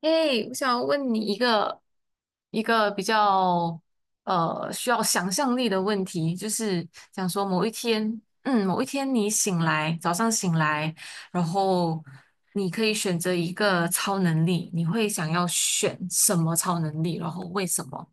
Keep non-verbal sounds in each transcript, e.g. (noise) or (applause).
诶，我想问你一个比较需要想象力的问题，就是想说某一天，嗯，某一天你醒来，早上醒来，然后你可以选择一个超能力，你会想要选什么超能力，然后为什么？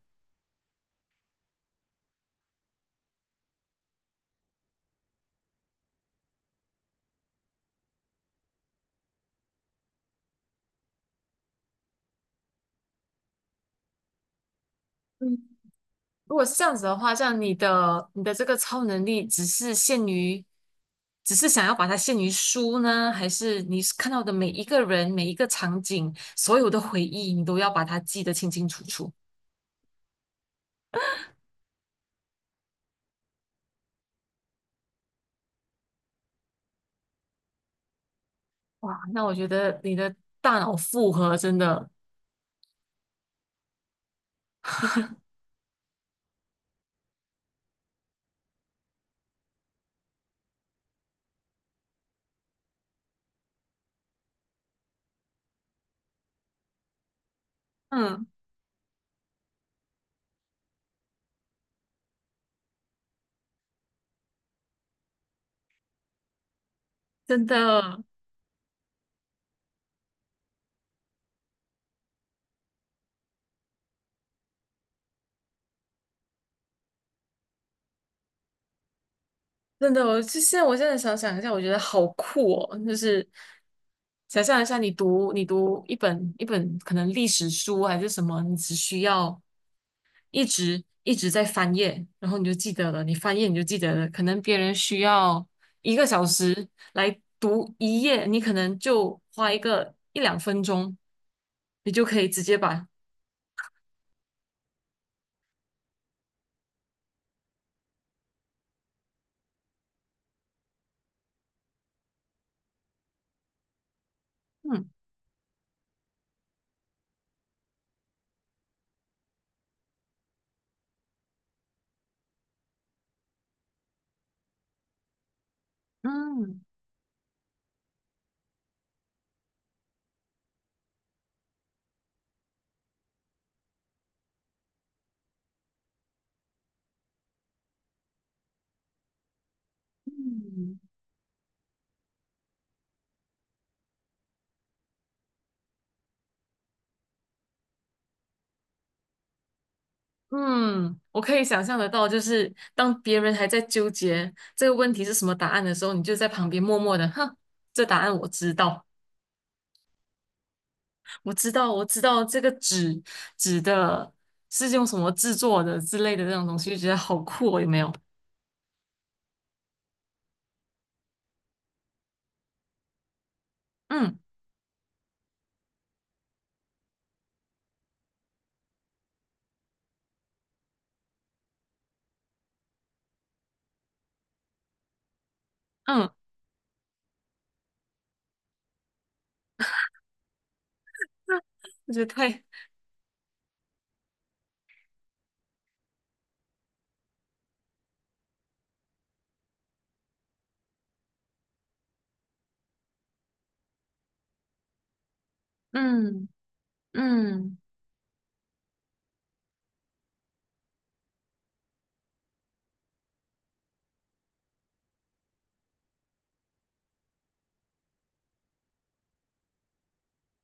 嗯。如果是这样子的话，像你的这个超能力只是限于，只是想要把它限于书呢，还是你是看到的每一个人、每一个场景、所有的回忆，你都要把它记得清清楚楚？哇，那我觉得你的大脑负荷真的，嗯，真的。真的，我现在想想一下，我觉得好酷哦，就是想象一下，你读一本可能历史书还是什么，你只需要一直在翻页，然后你就记得了，你翻页你就记得了，可能别人需要一个小时来读一页，你可能就花一个两分钟，你就可以直接把嗯嗯嗯。嗯，我可以想象得到，就是当别人还在纠结这个问题是什么答案的时候，你就在旁边默默的，哼，这答案我知道，我知道，我知道这个纸的是用什么制作的之类的这种东西，就觉得好酷哦，有没有？嗯嗯，(laughs) 那我觉得太，嗯嗯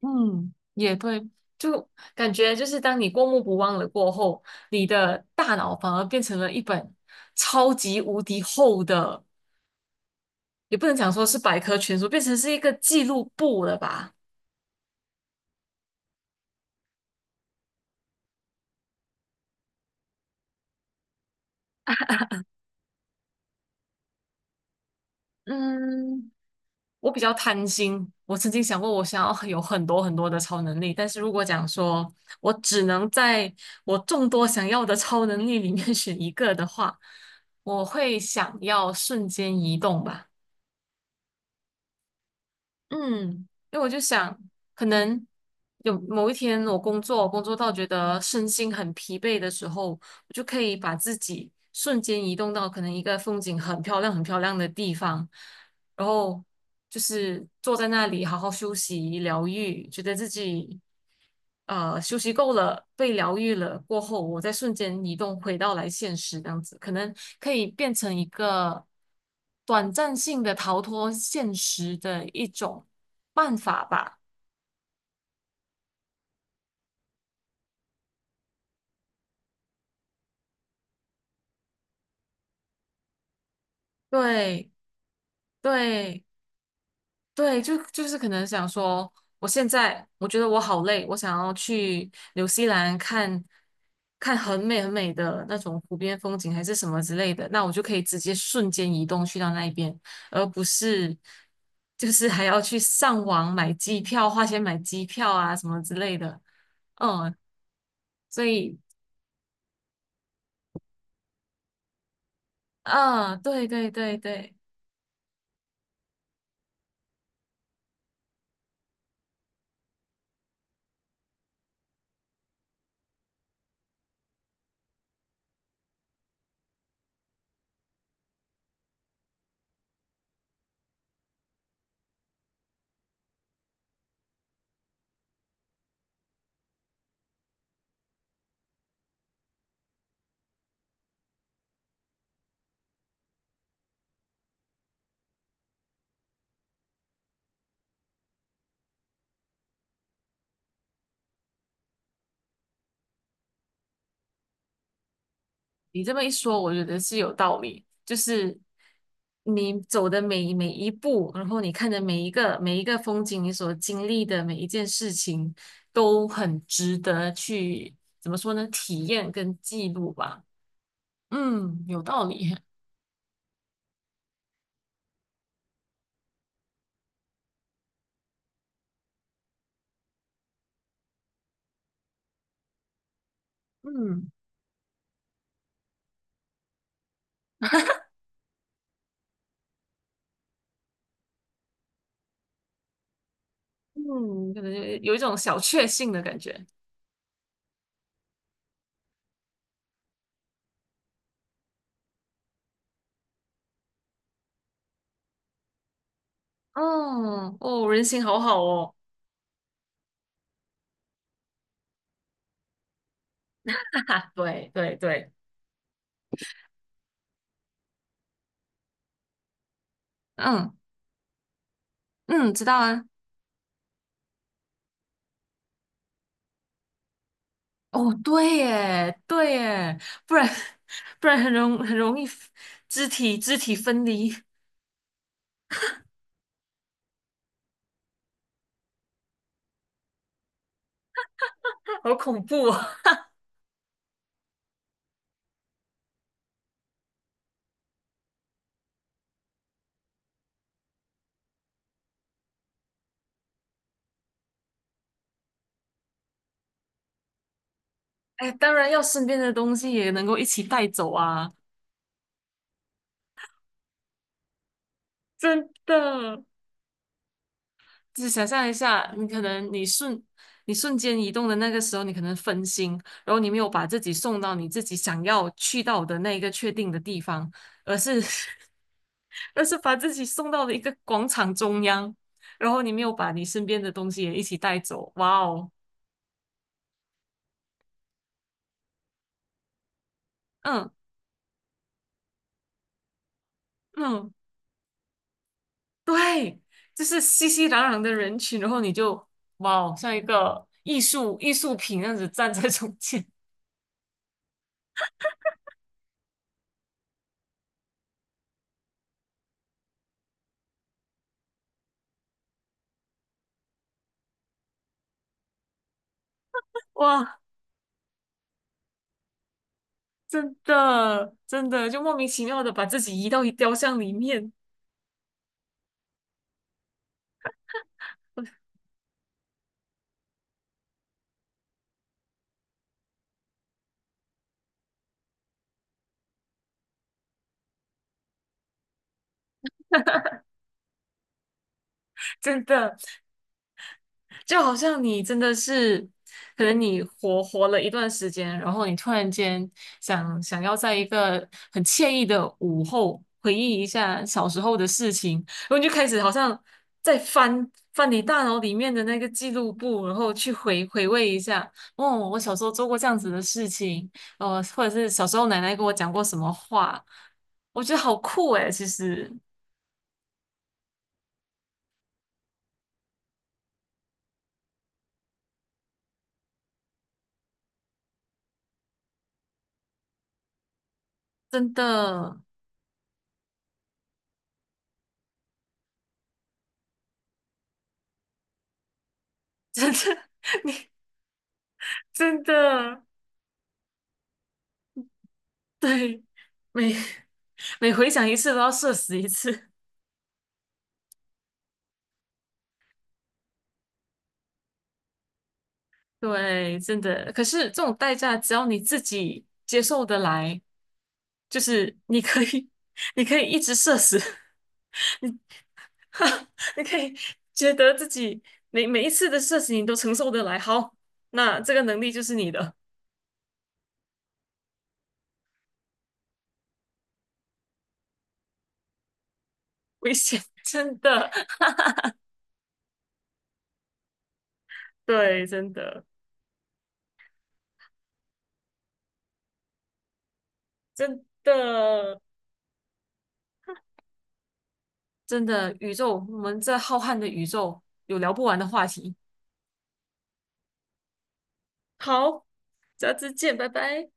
嗯，也对，就感觉就是当你过目不忘了过后，你的大脑反而变成了一本超级无敌厚的。也不能讲说是百科全书，变成是一个记录簿了吧？嗯，我比较贪心，我曾经想过我想要有很多很多的超能力，但是如果讲说我只能在我众多想要的超能力里面 (laughs) 选一个的话，我会想要瞬间移动吧。嗯，因为我就想，可能有某一天我工作，工作到觉得身心很疲惫的时候，我就可以把自己瞬间移动到可能一个风景很漂亮、很漂亮的地方，然后就是坐在那里好好休息、疗愈，觉得自己休息够了、被疗愈了过后，我再瞬间移动回到来现实这样子，可能可以变成一个短暂性的逃脱现实的一种办法吧。对对。对，就就是可能想说，我现在我觉得我好累，我想要去纽西兰看看很美很美的那种湖边风景，还是什么之类的，那我就可以直接瞬间移动去到那一边，而不是就是还要去上网买机票，花钱买机票啊什么之类的。嗯，所以，嗯，对对对对。你这么一说，我觉得是有道理。就是你走的每一步，然后你看的每一个风景，你所经历的每一件事情，都很值得去，怎么说呢？体验跟记录吧。嗯，有道理。(laughs) 嗯嗯，可能有一种小确幸的感觉。哦哦，人心好好哦。(laughs) 对对对，嗯嗯，知道啊。哦，对耶，对耶，不然 (laughs) 不然很容易肢体分离，(laughs) 好恐怖哦！(laughs) 哎，当然要身边的东西也能够一起带走啊，真的。就想象一下，你可能你瞬间移动的那个时候，你可能分心，然后你没有把自己送到你自己想要去到的那一个确定的地方，而是 (laughs) 而是把自己送到了一个广场中央，然后你没有把你身边的东西也一起带走，哇哦！嗯。嗯，对，就是熙熙攘攘的人群，然后你就哇，哦，像一个艺术品那样子站在中间，(laughs) 哇，真的真的就莫名其妙的把自己移到一雕像里面，真的。就好像你真的是，可能你活了一段时间，然后你突然间想想要在一个很惬意的午后回忆一下小时候的事情，然后你就开始好像在翻你大脑里面的那个记录簿，然后去回味一下，哦，我小时候做过这样子的事情，或者是小时候奶奶跟我讲过什么话，我觉得好酷诶，其实真的，(laughs) 真的，真的。(laughs) 对，每 (laughs) 每回想一次都要社死一次，对，真的。可是这种代价，只要你自己接受得来，就是你可以，(laughs) 你可以一直社死，(laughs) 你 (laughs) 你可以觉得自己每一次的社死你都承受得来，好，那这个能力就是你的。危险，(laughs) 真的，对，真的，真的，真的，宇宙，我们在浩瀚的宇宙有聊不完的话题。好，下次见，拜拜。